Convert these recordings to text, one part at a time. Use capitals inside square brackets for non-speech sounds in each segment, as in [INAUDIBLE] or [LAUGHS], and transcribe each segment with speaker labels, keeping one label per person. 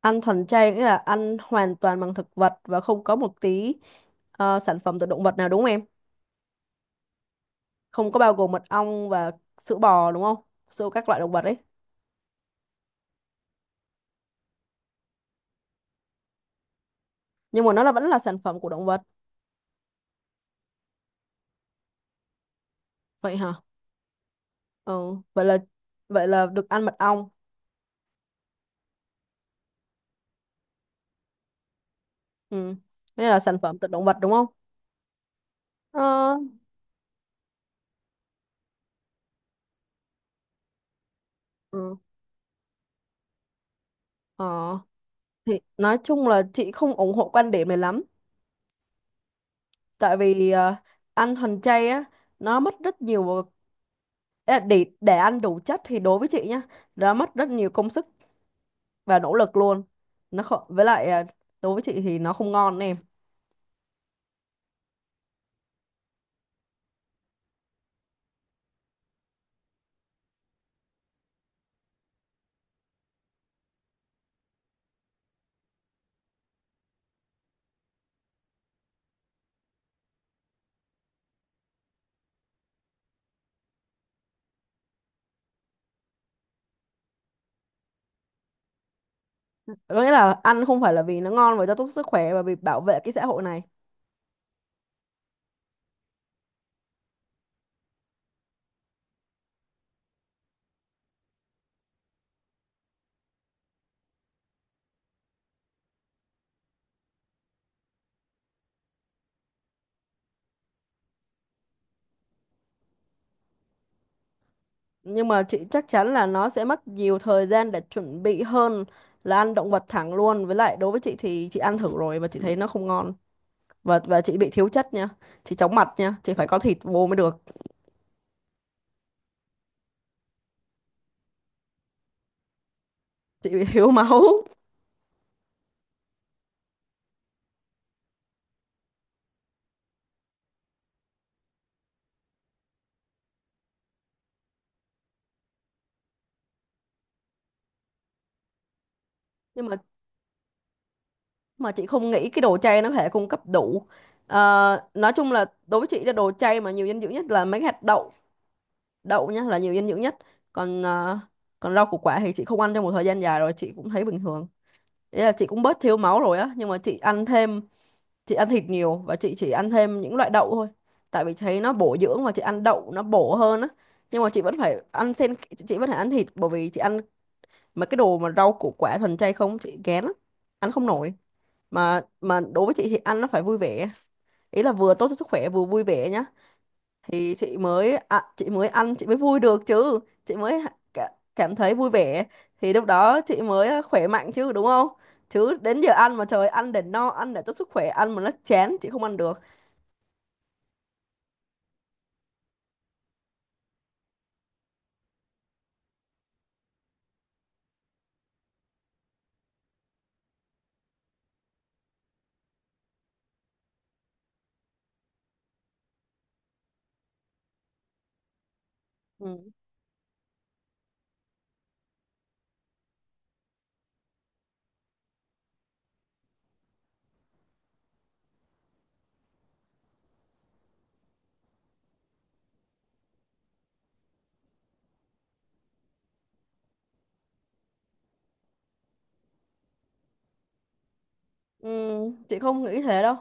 Speaker 1: Ăn thuần chay nghĩa là ăn hoàn toàn bằng thực vật và không có một tí sản phẩm từ động vật nào, đúng không em? Không có bao gồm mật ong và sữa bò đúng không? Sữa các loại động vật ấy. Nhưng mà nó vẫn là sản phẩm của động vật. Vậy hả? Ừ, vậy là được ăn mật ong. Ừ. Đây là sản phẩm từ động vật đúng không? Ờ, ừ. Ờ, thì nói chung là chị không ủng hộ quan điểm này lắm, tại vì ăn thuần chay á, nó mất rất nhiều. Ý là để ăn đủ chất thì đối với chị nhá, nó mất rất nhiều công sức và nỗ lực luôn. Nó không, với lại à, đối với chị thì nó không ngon em. Có nghĩa là ăn không phải là vì nó ngon và cho tốt sức khỏe mà vì bảo vệ cái xã hội này. Nhưng mà chị chắc chắn là nó sẽ mất nhiều thời gian để chuẩn bị hơn là ăn động vật thẳng luôn, với lại đối với chị thì chị ăn thử rồi và chị thấy nó không ngon, và chị bị thiếu chất nha, chị chóng mặt nha, chị phải có thịt vô mới được. Chị bị thiếu máu. [LAUGHS] Nhưng mà chị không nghĩ cái đồ chay nó có thể cung cấp đủ. Ờ, nói chung là đối với chị là đồ chay mà nhiều dinh dưỡng nhất là mấy hạt đậu, đậu nhá, là nhiều dinh dưỡng nhất. Còn còn rau củ quả thì chị không ăn trong một thời gian dài rồi, chị cũng thấy bình thường. Ý là chị cũng bớt thiếu máu rồi á, nhưng mà chị ăn thêm, chị ăn thịt nhiều và chị chỉ ăn thêm những loại đậu thôi, tại vì thấy nó bổ dưỡng và chị ăn đậu nó bổ hơn á. Nhưng mà chị vẫn phải ăn sen, chị vẫn phải ăn thịt, bởi vì chị ăn mấy cái đồ mà rau củ quả thuần chay không, chị ghén lắm, ăn không nổi. Mà đối với chị thì ăn nó phải vui vẻ, ý là vừa tốt cho sức khỏe vừa vui vẻ nhá, thì chị mới chị mới ăn, chị mới vui được chứ, chị mới cả- cảm thấy vui vẻ, thì lúc đó chị mới khỏe mạnh chứ, đúng không? Chứ đến giờ ăn mà trời, ăn để no, ăn để tốt sức khỏe, ăn mà nó chán chị không ăn được. Ừ. Ừ, chị không nghĩ thế đâu,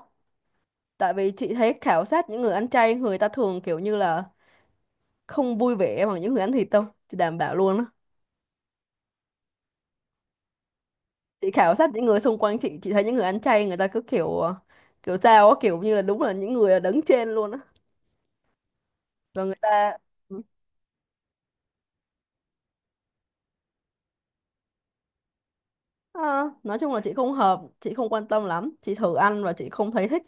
Speaker 1: tại vì chị thấy khảo sát những người ăn chay, người ta thường kiểu như là không vui vẻ bằng những người ăn thịt đâu, chị đảm bảo luôn á. Chị khảo sát những người xung quanh chị thấy những người ăn chay người ta cứ kiểu kiểu sao á, kiểu như là đúng là những người đứng trên luôn á, và người ta ừ. À, nói chung là chị không hợp, chị không quan tâm lắm, chị thử ăn và chị không thấy thích.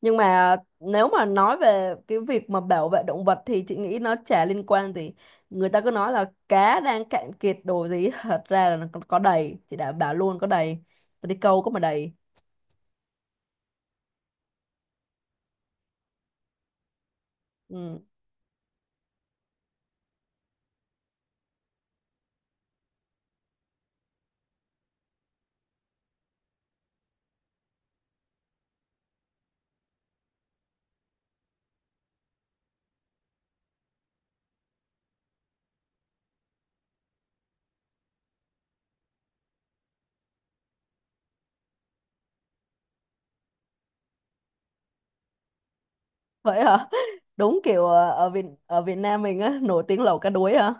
Speaker 1: Nhưng mà nếu mà nói về cái việc mà bảo vệ động vật thì chị nghĩ nó chả liên quan gì. Người ta cứ nói là cá đang cạn kiệt đồ gì, [LAUGHS] thật ra là nó có đầy, chị đảm bảo luôn có đầy. Tôi đi câu có mà đầy. Ừ. Vậy hả? [LAUGHS] Đúng kiểu ở ở Việt Nam mình á nổi tiếng lẩu cá đuối hả?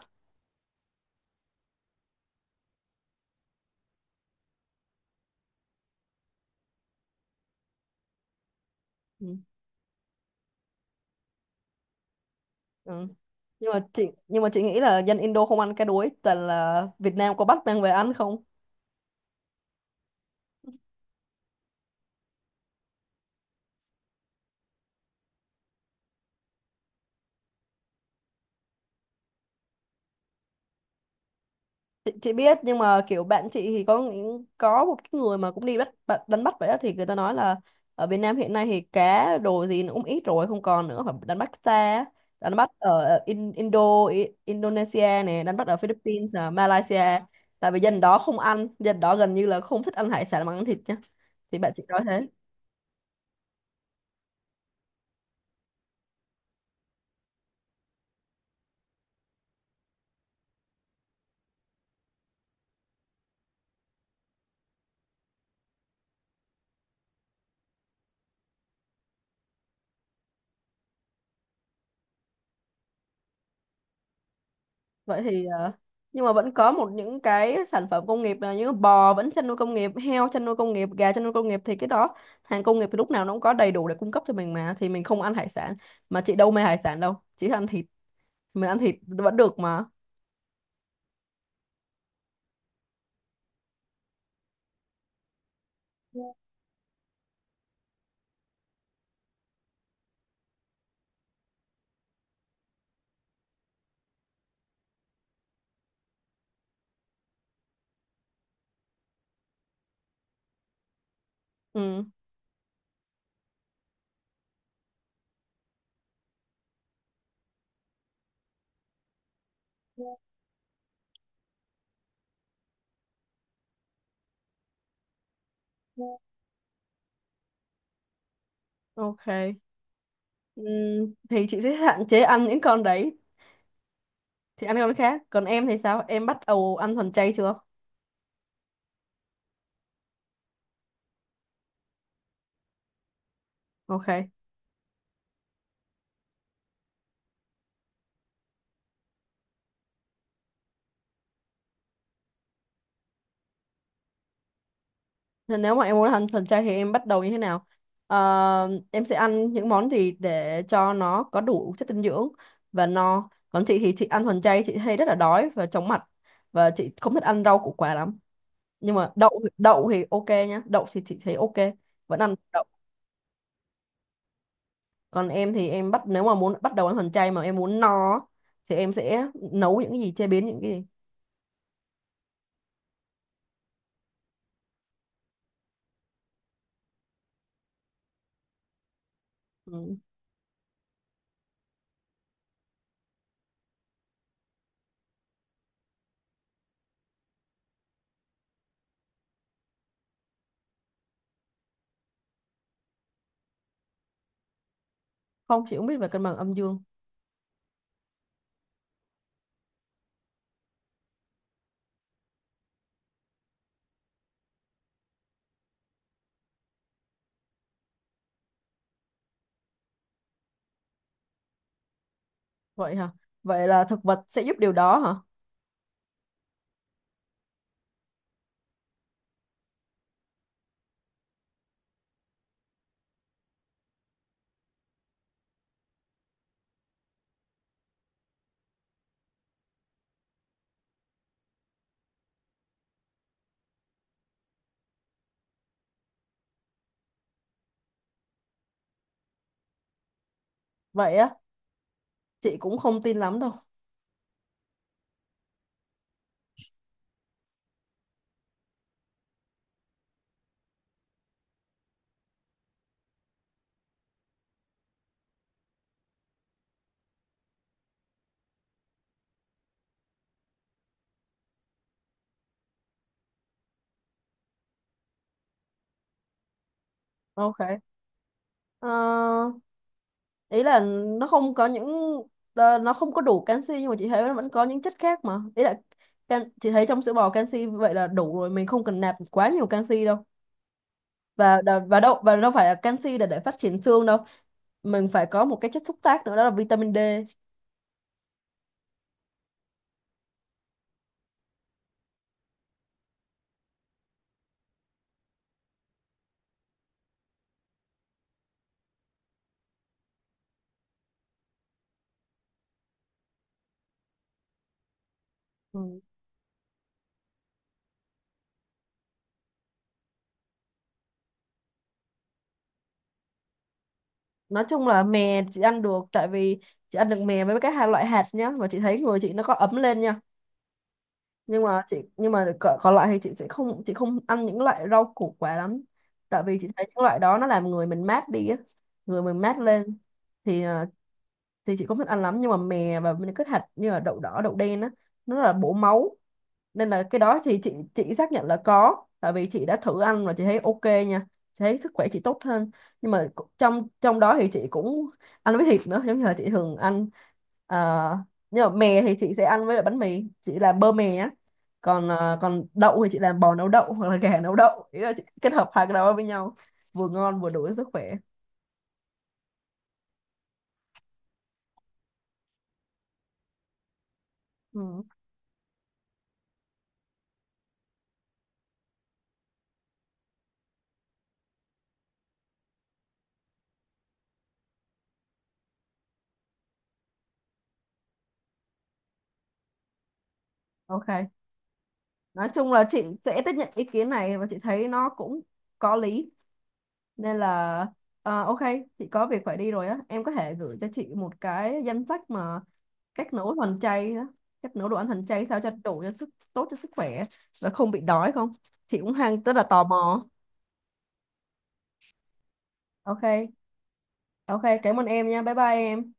Speaker 1: Ừ. Ừ. Nhưng mà nhưng mà chị nghĩ là dân Indo không ăn cá đuối, toàn là Việt Nam có bắt mang về ăn không? Chị biết, nhưng mà kiểu bạn chị thì có những có một cái người mà cũng đi bắt bắt- đánh bắt vậy đó, thì người ta nói là ở Việt Nam hiện nay thì cá đồ gì nó cũng ít rồi, không còn nữa, phải đánh bắt xa á. Đánh bắt ở Indo, Indonesia này, đánh bắt ở Philippines à, Malaysia, tại vì dân đó không ăn, dân đó gần như là không thích ăn hải sản mà ăn thịt nhá. Thì bạn chị nói thế. Vậy thì nhưng mà vẫn có một những cái sản phẩm công nghiệp là như bò vẫn chăn nuôi công nghiệp, heo chăn nuôi công nghiệp, gà chăn nuôi công nghiệp, thì cái đó hàng công nghiệp thì lúc nào nó cũng có đầy đủ để cung cấp cho mình mà, thì mình không ăn hải sản, mà chị đâu mê hải sản đâu, chị thích ăn thịt, mình ăn thịt vẫn được mà. Ừ. Ok. Ừ, thì chị sẽ hạn chế ăn những con đấy, chị ăn con khác. Còn em thì sao, em bắt đầu ăn thuần chay chưa? Ok. Nên nếu mà em muốn ăn thuần chay thì em bắt đầu như thế nào? Ờ, em sẽ ăn những món gì để cho nó có đủ chất dinh dưỡng và no. Còn chị thì chị ăn thuần chay chị hay rất là đói và chóng mặt, và chị không thích ăn rau củ quả lắm. Nhưng mà đậu đậu thì ok nhá, đậu thì chị thấy ok, vẫn ăn đậu. Còn em thì em bắt, nếu mà muốn bắt đầu ăn thuần chay mà em muốn no á, thì em sẽ nấu những cái gì, chế biến những cái gì. Ừ. Không, chị cũng biết về cân bằng âm dương. Vậy hả? Vậy là thực vật sẽ giúp điều đó hả? Vậy á, chị cũng không tin lắm đâu. Ok. Ờ, ý là nó không có những nó không có đủ canxi, nhưng mà chị thấy nó vẫn có những chất khác mà, ý là can, chị thấy trong sữa bò canxi vậy là đủ rồi, mình không cần nạp quá nhiều canxi đâu. Và đâu và đâu phải là canxi để phát triển xương đâu, mình phải có một cái chất xúc tác nữa, đó là vitamin D. Ừ. Nói chung là mè chị ăn được, tại vì chị ăn được mè với cái hai loại hạt nhá, và chị thấy người chị nó có ấm lên nha. Nhưng mà nhưng mà còn còn lại thì chị sẽ không, chị không ăn những loại rau củ quả lắm, tại vì chị thấy những loại đó nó làm người mình mát đi á, người mình mát lên. Thì à, thì chị không thích ăn lắm, nhưng mà mè và những cái hạt như là đậu đỏ đậu đen á, nó là bổ máu, nên là cái đó thì chị xác nhận là có, tại vì chị đã thử ăn và chị thấy ok nha, chị thấy sức khỏe chị tốt hơn. Nhưng mà trong trong đó thì chị cũng ăn với thịt nữa, giống như là chị thường ăn. Ờ, nhưng mà mè thì chị sẽ ăn với lại bánh mì, chị làm bơ mè á. Còn còn đậu thì chị làm bò nấu đậu hoặc là gà nấu đậu, ý là chị kết hợp hai cái đó với nhau, vừa ngon vừa đủ cho sức khỏe. Ừ, ok. Nói chung là chị sẽ tiếp nhận ý kiến này và chị thấy nó cũng có lý, nên là à, ok. Chị có việc phải đi rồi á, em có thể gửi cho chị một cái danh sách mà cách nấu thuần chay đó, cách nấu đồ ăn thuần chay sao cho đủ cho sức, tốt cho sức khỏe, và không bị đói không, chị cũng hang rất là tò mò. Ok ok. Cảm ơn em nha, bye bye em.